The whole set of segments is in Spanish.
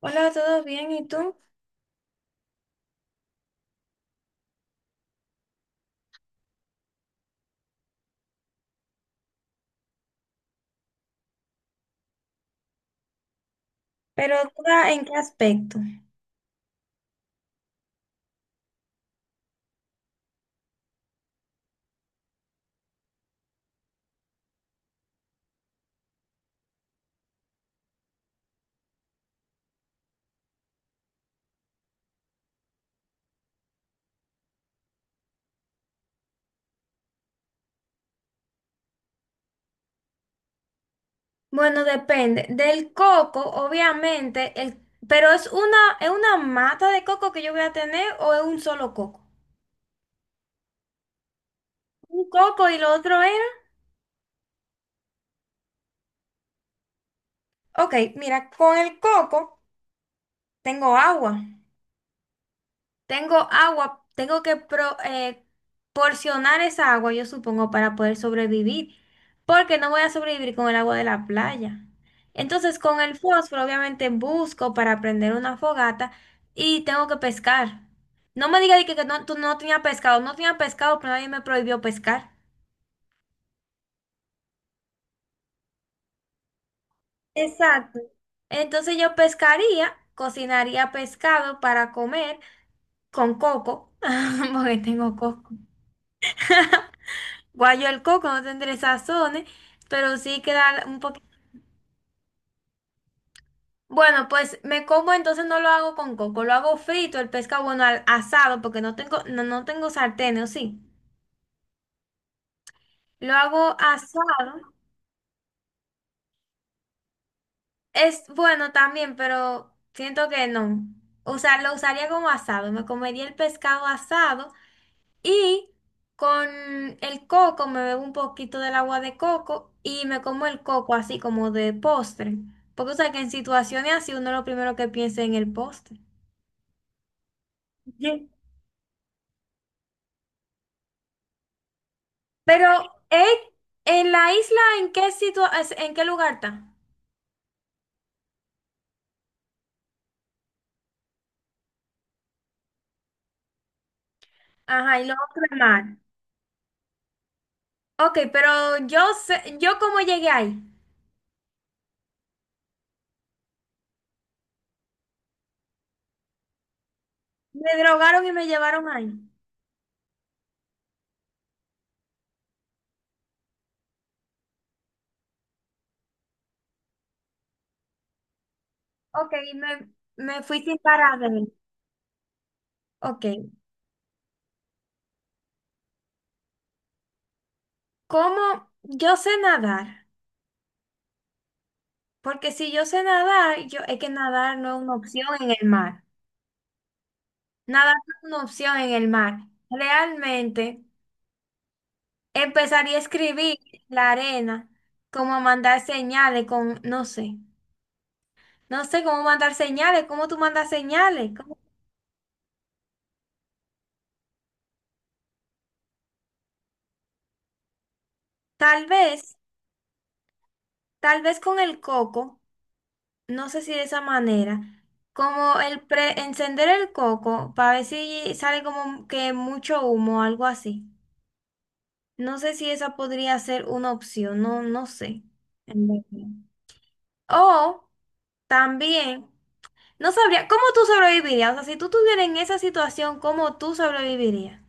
Hola, ¿todo bien? ¿Y tú? Pero duda en qué aspecto. Bueno, depende. Del coco, obviamente, pero es una mata de coco que yo voy a tener o es un solo coco. Un coco y lo otro era. Ok, mira, con el coco tengo agua. Tengo agua, tengo que porcionar esa agua, yo supongo, para poder sobrevivir, porque no voy a sobrevivir con el agua de la playa. Entonces, con el fósforo, obviamente, busco para prender una fogata y tengo que pescar. No me digas de que no, tú no tenías pescado, no tenía pescado, pero nadie me prohibió pescar. Exacto. Entonces yo pescaría, cocinaría pescado para comer con coco, porque tengo coco. Guayo el coco no tendré sazones, pero sí queda un poquito. Bueno, pues me como, entonces no lo hago con coco, lo hago frito, el pescado, bueno, al asado, porque no tengo sartén, ¿o sí? Lo hago asado. Es bueno también, pero siento que no. O sea, lo usaría como asado, me comería el pescado asado y con el coco me bebo un poquito del agua de coco y me como el coco así como de postre. Porque, o sea, que en situaciones así uno lo primero que piensa es en el postre. Ye- Pero, ¿eh? ¿En la isla en qué lugar está? Ajá, y lo otro es mar. Ok, pero yo sé, yo cómo llegué ahí. Me drogaron y me llevaron ahí. Ok, y me fui sin parar de ahí. Ok, ¿cómo yo sé nadar? Porque si yo sé nadar, es que nadar no es una opción en el mar. Nadar no es una opción en el mar. Realmente empezaría a escribir la arena, como mandar señales con, no sé, no sé cómo mandar señales, cómo tú mandas señales. ¿Cómo? Tal vez, tal vez con el coco, no sé si de esa manera, como el encender el coco para ver si sale como que mucho humo o algo así. No sé si esa podría ser una opción, no, no sé en verdad. O también, no sabría, ¿cómo tú sobrevivirías? O sea, si tú estuvieras en esa situación, ¿cómo tú sobrevivirías?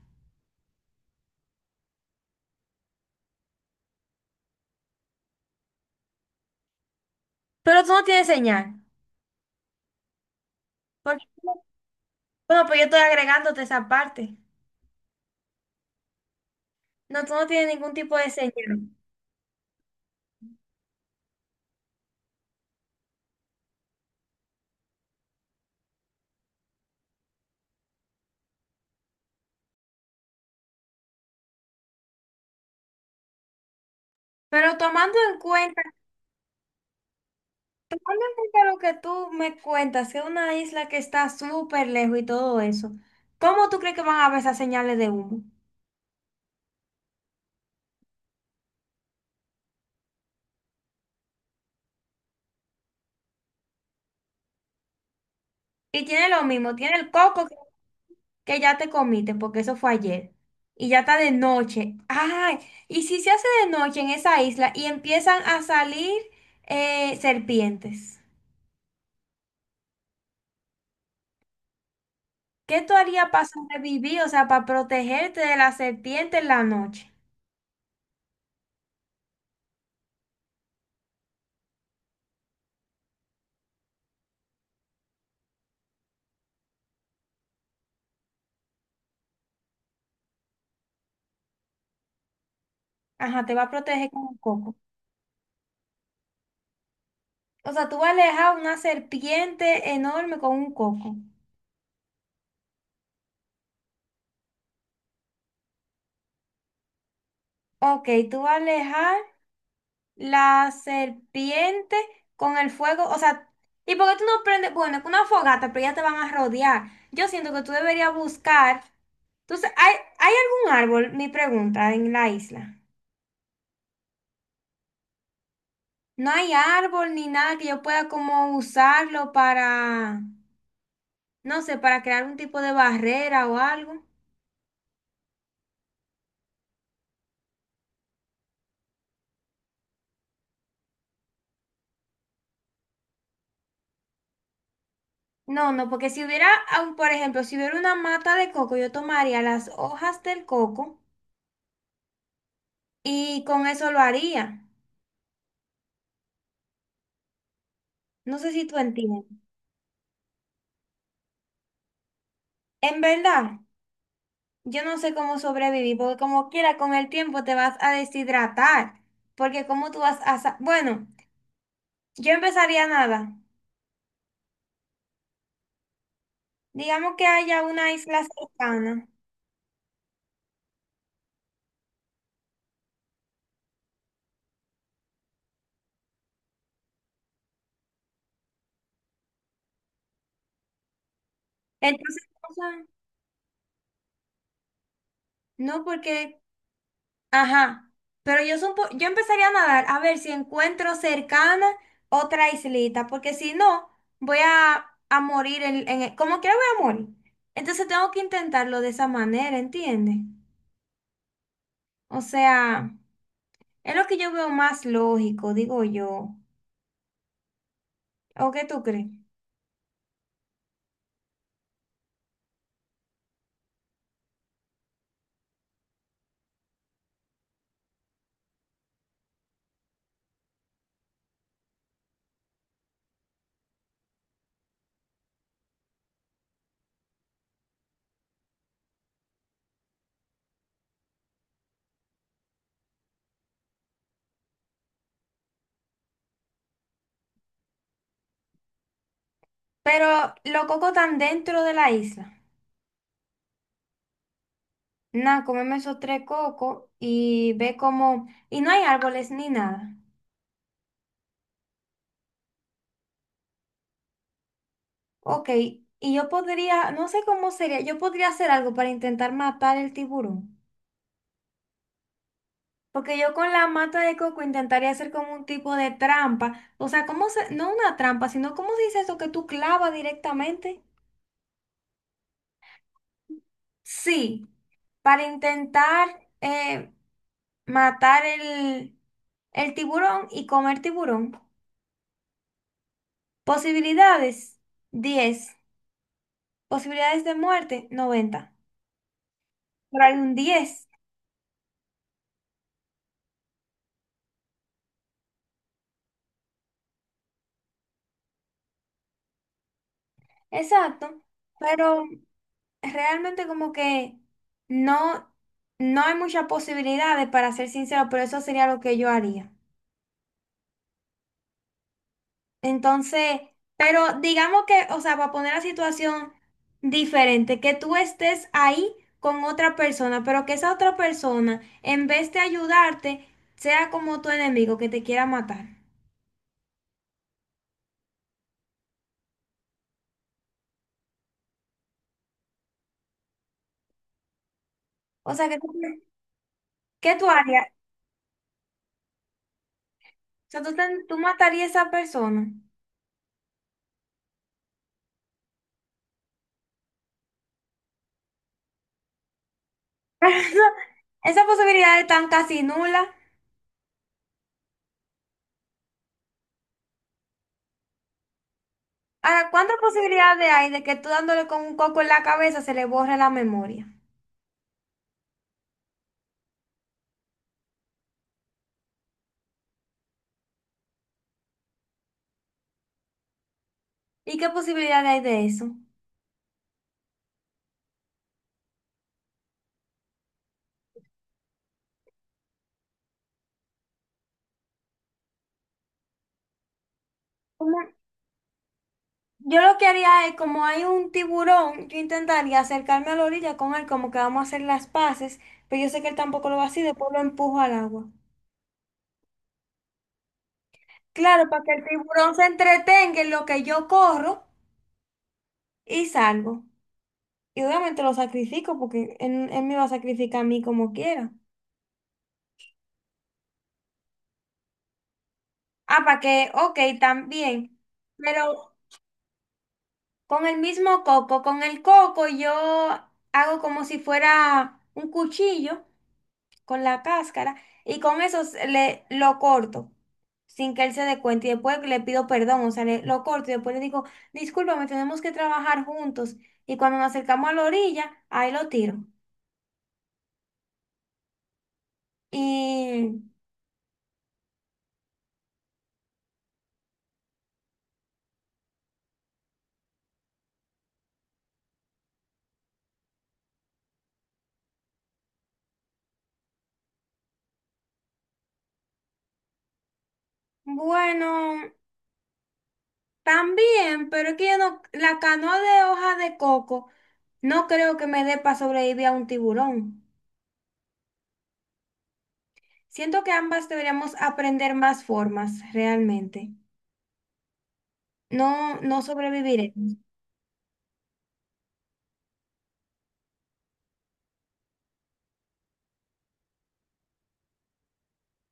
Pero tú no tienes señal. Porque, bueno, pues yo estoy agregándote esa parte. No, tú no tienes ningún tipo de señal. Pero tomando en cuenta lo que tú me cuentas, que es una isla que está súper lejos y todo eso, ¿cómo tú crees que van a ver esas señales de humo? Y tiene lo mismo, tiene el coco que ya te comiste, porque eso fue ayer, y ya está de noche. Ay, y si se hace de noche en esa isla y empiezan a salir serpientes, ¿qué tú harías para sobrevivir? O sea, para protegerte de la serpiente en la noche. Ajá, te va a proteger con un coco. O sea, tú vas a alejar una serpiente enorme con un coco. Ok, tú vas a alejar. La serpiente con el fuego, o sea, ¿y por qué tú no prendes? Bueno, es una fogata, pero ya te van a rodear. Yo siento que tú deberías buscar. Entonces, ¿hay algún árbol? Mi pregunta, en la isla. No hay árbol ni nada que yo pueda como usarlo para, no sé, para crear un tipo de barrera o algo. No, no, porque si hubiera, aun, por ejemplo, si hubiera una mata de coco, yo tomaría las hojas del coco y con eso lo haría. No sé si tú entiendes. En verdad, yo no sé cómo sobrevivir, porque como quiera, con el tiempo te vas a deshidratar, porque cómo tú vas a. Bueno, yo empezaría nada. Digamos que haya una isla cercana. Entonces, o sea, no porque. Ajá, pero yo empezaría a nadar a ver si encuentro cercana otra islita, porque si no, voy a morir. Como quiera voy a morir. Entonces tengo que intentarlo de esa manera, ¿entiendes? O sea, es lo que yo veo más lógico, digo yo. ¿O qué tú crees? Pero los cocos están dentro de la isla. Nada, comemos esos tres cocos y ve cómo. Y no hay árboles ni nada. Ok, y yo podría, no sé cómo sería, yo podría hacer algo para intentar matar el tiburón. Porque yo con la mata de coco intentaría hacer como un tipo de trampa. O sea, ¿cómo se, no una trampa, sino cómo se dice eso que tú clavas directamente? Sí. Para intentar eh, matar el tiburón y comer tiburón. Posibilidades, 10. Posibilidades de muerte, 90. Por ahí un 10. Exacto. Pero realmente como que no, no hay muchas posibilidades, para ser sincero, pero eso sería lo que yo haría. Entonces, pero digamos que, o sea, para poner la situación diferente, que tú estés ahí con otra persona, pero que esa otra persona, en vez de ayudarte, sea como tu enemigo que te quiera matar. O sea, ¿qué tú harías? O sea, tú matarías a esa persona. Esa Esas posibilidades están casi nulas. Ahora, ¿cuántas posibilidades hay de que tú dándole con un coco en la cabeza se le borre la memoria? ¿Y qué posibilidades hay de eso? Yo lo que haría es, como hay un tiburón, yo intentaría acercarme a la orilla con él, como que vamos a hacer las paces, pero yo sé que él tampoco lo va a hacer, después lo empujo al agua. Claro, para que el tiburón se entretenga en lo que yo corro y salgo. Y obviamente lo sacrifico porque él me va a sacrificar a mí como quiera. Ah, para que, ok, también. Pero con el mismo coco, con el coco yo hago como si fuera un cuchillo con la cáscara y con eso lo corto sin que él se dé cuenta y después le pido perdón, o sea, lo corto y después le digo, discúlpame, tenemos que trabajar juntos y cuando nos acercamos a la orilla, ahí lo tiro. Y bueno, también, pero es que yo no, la canoa de hoja de coco no creo que me dé para sobrevivir a un tiburón. Siento que ambas deberíamos aprender más formas realmente. No, no sobreviviré.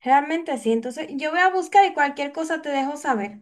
Realmente sí. Entonces, yo voy a buscar y cualquier cosa te dejo saber.